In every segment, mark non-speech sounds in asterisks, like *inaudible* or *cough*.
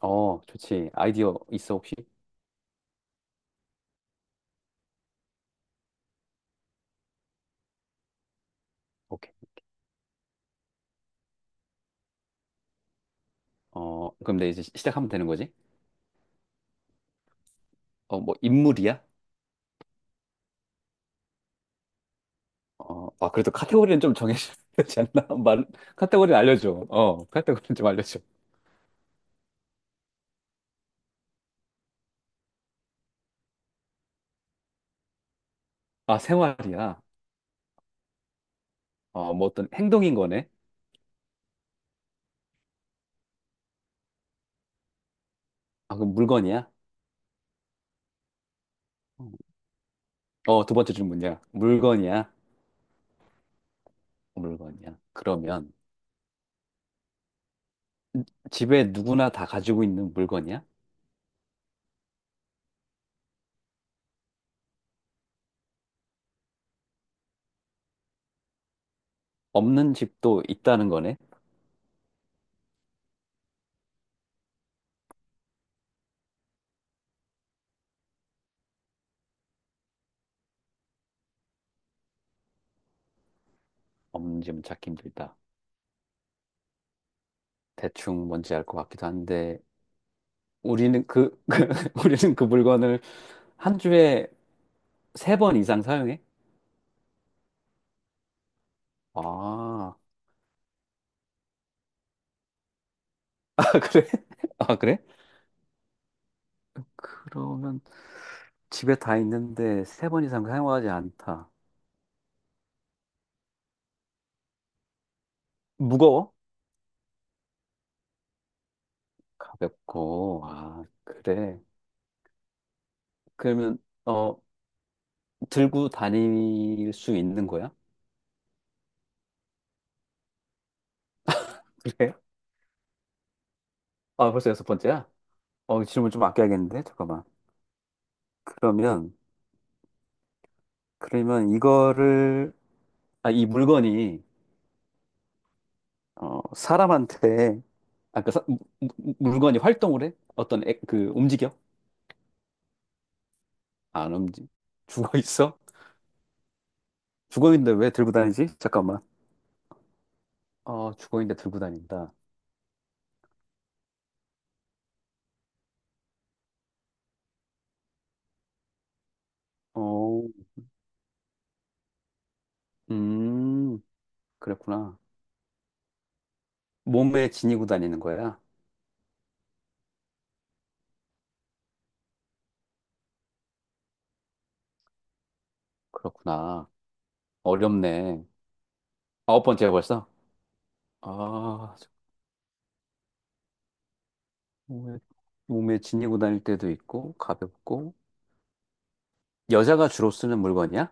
어, 좋지. 아이디어 있어, 혹시? 오케이. 어, 그럼 내 이제 시작하면 되는 거지? 인물이야? 어, 아, 그래도 카테고리는 좀 정해줘야 되지 않나? *laughs* 말, 카테고리는 알려줘. 어, 카테고리는 좀 알려줘. 아, 생활이야. 어, 뭐 어떤 행동인 거네? 아, 그럼 물건이야? 어, 두 번째 질문이야. 물건이야? 물건이야. 그러면 집에 누구나 다 가지고 있는 물건이야? 없는 집도 있다는 거네? 없는 집은 찾기 힘들다. 대충 뭔지 알 것 같기도 한데, 우리는 그, *laughs* 그 우리는 그 물건을 한 주에 세 번 이상 사용해? 아, *laughs* 아, 그래? 아, 그래? 그러면 집에 다 있는데 세 번 이상 사용하지 않다. 무거워? 가볍고, 아, 그래. 그러면, 어, 들고 다닐 수 있는 거야? 그래? 아, 벌써 여섯 번째야? 어, 질문 좀 아껴야겠는데? 잠깐만. 그러면, 그러면 이거를, 아, 이 물건이 어, 사람한테 아까 물건이 활동을 해? 어떤 그 움직여? 안 움직. 죽어 있어? 죽어 있는데 왜 들고 다니지? 잠깐만. 어, 죽어 있는데 들고 다닌다. 어, 음, 그랬구나. 몸에 지니고 다니는 거야? 그렇구나. 어렵네. 아홉 번째야 벌써? 아, 저- 몸에, 몸에 지니고 다닐 때도 있고 가볍고 여자가 주로 쓰는 물건이야?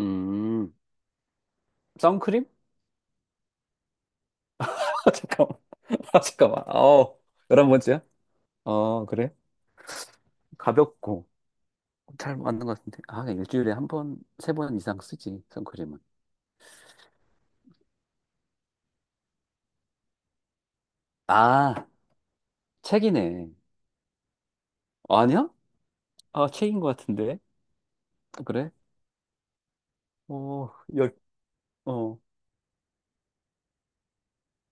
음, 선크림? *laughs* 잠깐만. 아, 잠깐만. 어, 열한 번째야? 어, 그래? 가볍고 잘 맞는 것 같은데. 아, 그냥 일주일에 한 번, 세 번 이상 쓰지, 선크림은. 아, 책이네. 아니야? 아, 책인 것 같은데. 그래? 어, 열, 어,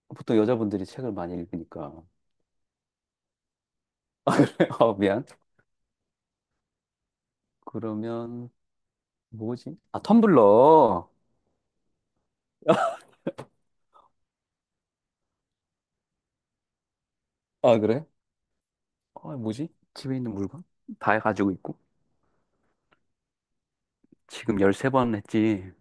보통 여자분들이 책을 많이 읽으니까. *laughs* 어, 미안. 그러면, 뭐지? 아, 텀블러. 아, 그래? 아, 뭐지? 집에 있는 물건? 다 가지고 있고. 지금 13번 했지.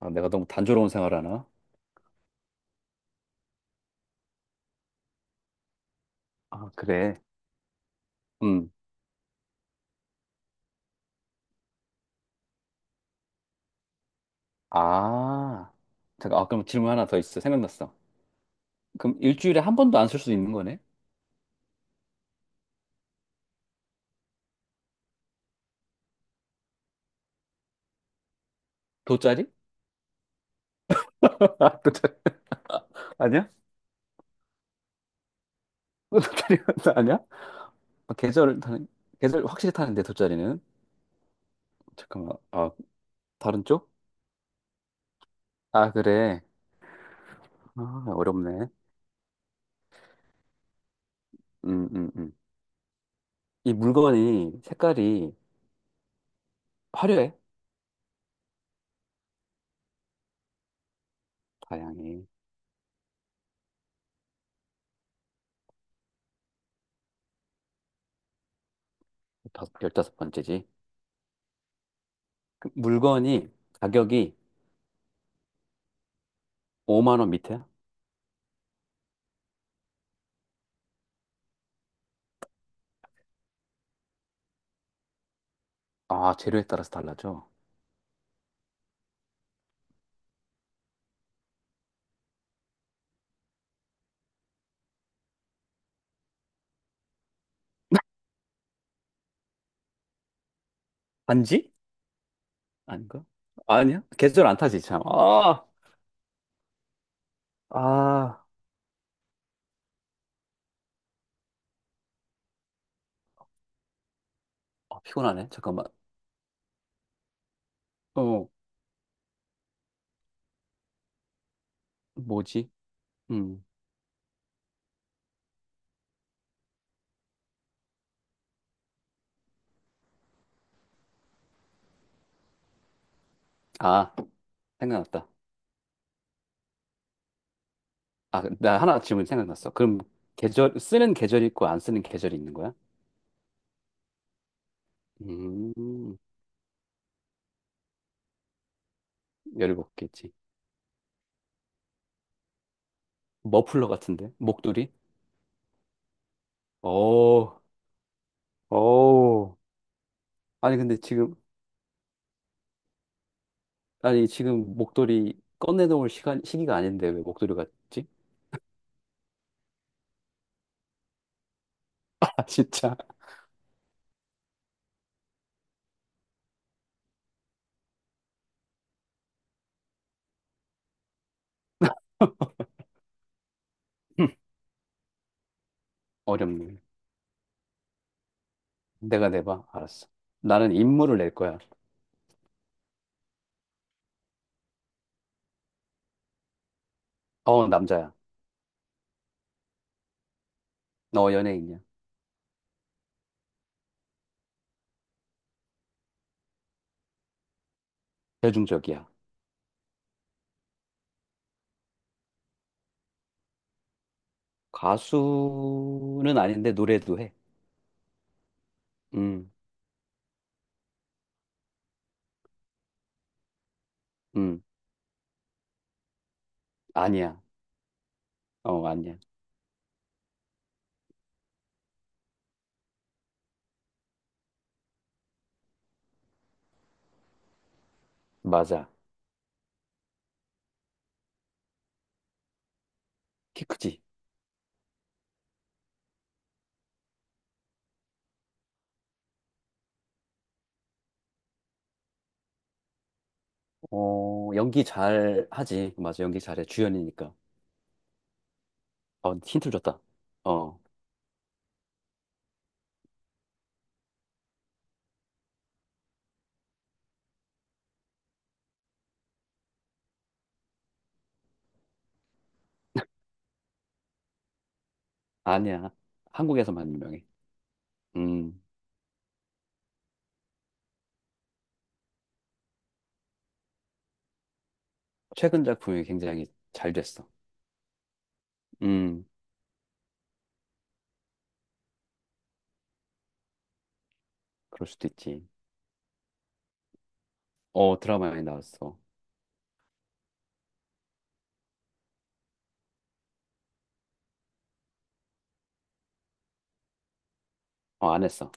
아, 내가 너무 단조로운 생활하나? 아, 그래. 음. 아, 잠깐, 아, 그럼 질문 하나 더 있어. 생각났어. 그럼 일주일에 한 번도 안 쓸 수 있는 거네? 돗자리? *laughs* 아, 돗자리. 아니야? 돗자리 *laughs* 아니야? 아, 계절을 타는, 계절 확실히 타는데, 돗자리는? 잠깐만, 아, 다른 쪽? 아, 그래. 아, 어렵네. 음, 음, 음. 이 물건이 색깔이 화려해. 다양해. 다 열다섯 번째지. 그 물건이 가격이 5만 원 밑에야? 아, 재료에 따라서 달라져. *laughs* 반지? 아닌가? 아니야? 계절 안 타지, 참. 아, 아, 아, 피곤하네. 잠깐만. 어, 뭐지? 음, 아, 생각났다. 아, 나 하나 질문 생각났어. 그럼 계절, 쓰는 계절이 있고 안 쓰는 계절이 있는 거야? 음, 열이 먹겠지. 머플러 같은데? 목도리? 오, 오. 아니, 근데 지금, 아니, 지금 목도리 꺼내놓을 시간, 시기가 아닌데 왜 목도리 같지? 아, 진짜. *laughs* 어렵네. 내가 내봐. 알았어. 나는 임무를 낼 거야. 어, 남자야. 너 연예인이야. 대중적이야. 가수는 아닌데 노래도 해. 음, 음, 아니야. 어, 아니야. 맞아. 키 크지. 어, 연기 잘 하지. 맞아, 연기 잘해. 주연이니까. 어, 힌트 줬다. 어, 아니야. 한국에서만 유명해. 음, 최근 작품이 굉장히 잘 됐어. 음, 그럴 수도 있지. 어, 드라마에 나왔어. 어, 안 했어.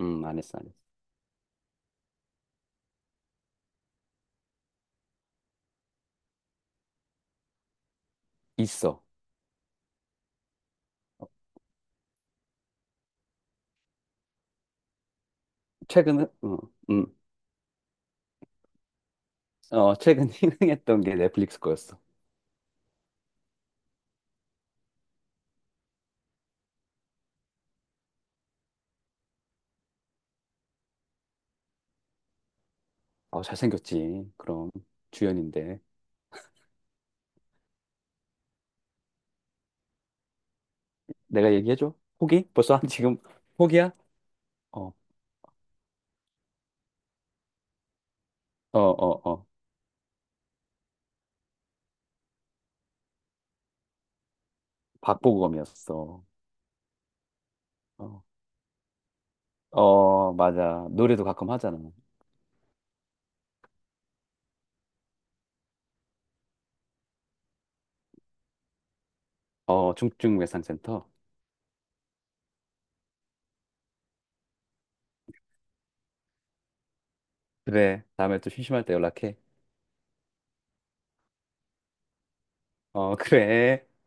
안 했어, 안 했어. 있어. 최근은? 어, 음. 어, 최근 *laughs* 흥행했던 게 넷플릭스 거였어. 어, 잘생겼지. 그럼 주연인데. 내가 얘기해줘? 포기? 벌써 한 지금 포기야? 어, 어, 어, 어. 박보검이었어. 어, 어, 맞아. 노래도 가끔 하잖아. 어, 중증외상센터. 그래. 다음에 또 심심할 때 연락해. 어, *laughs* 그래.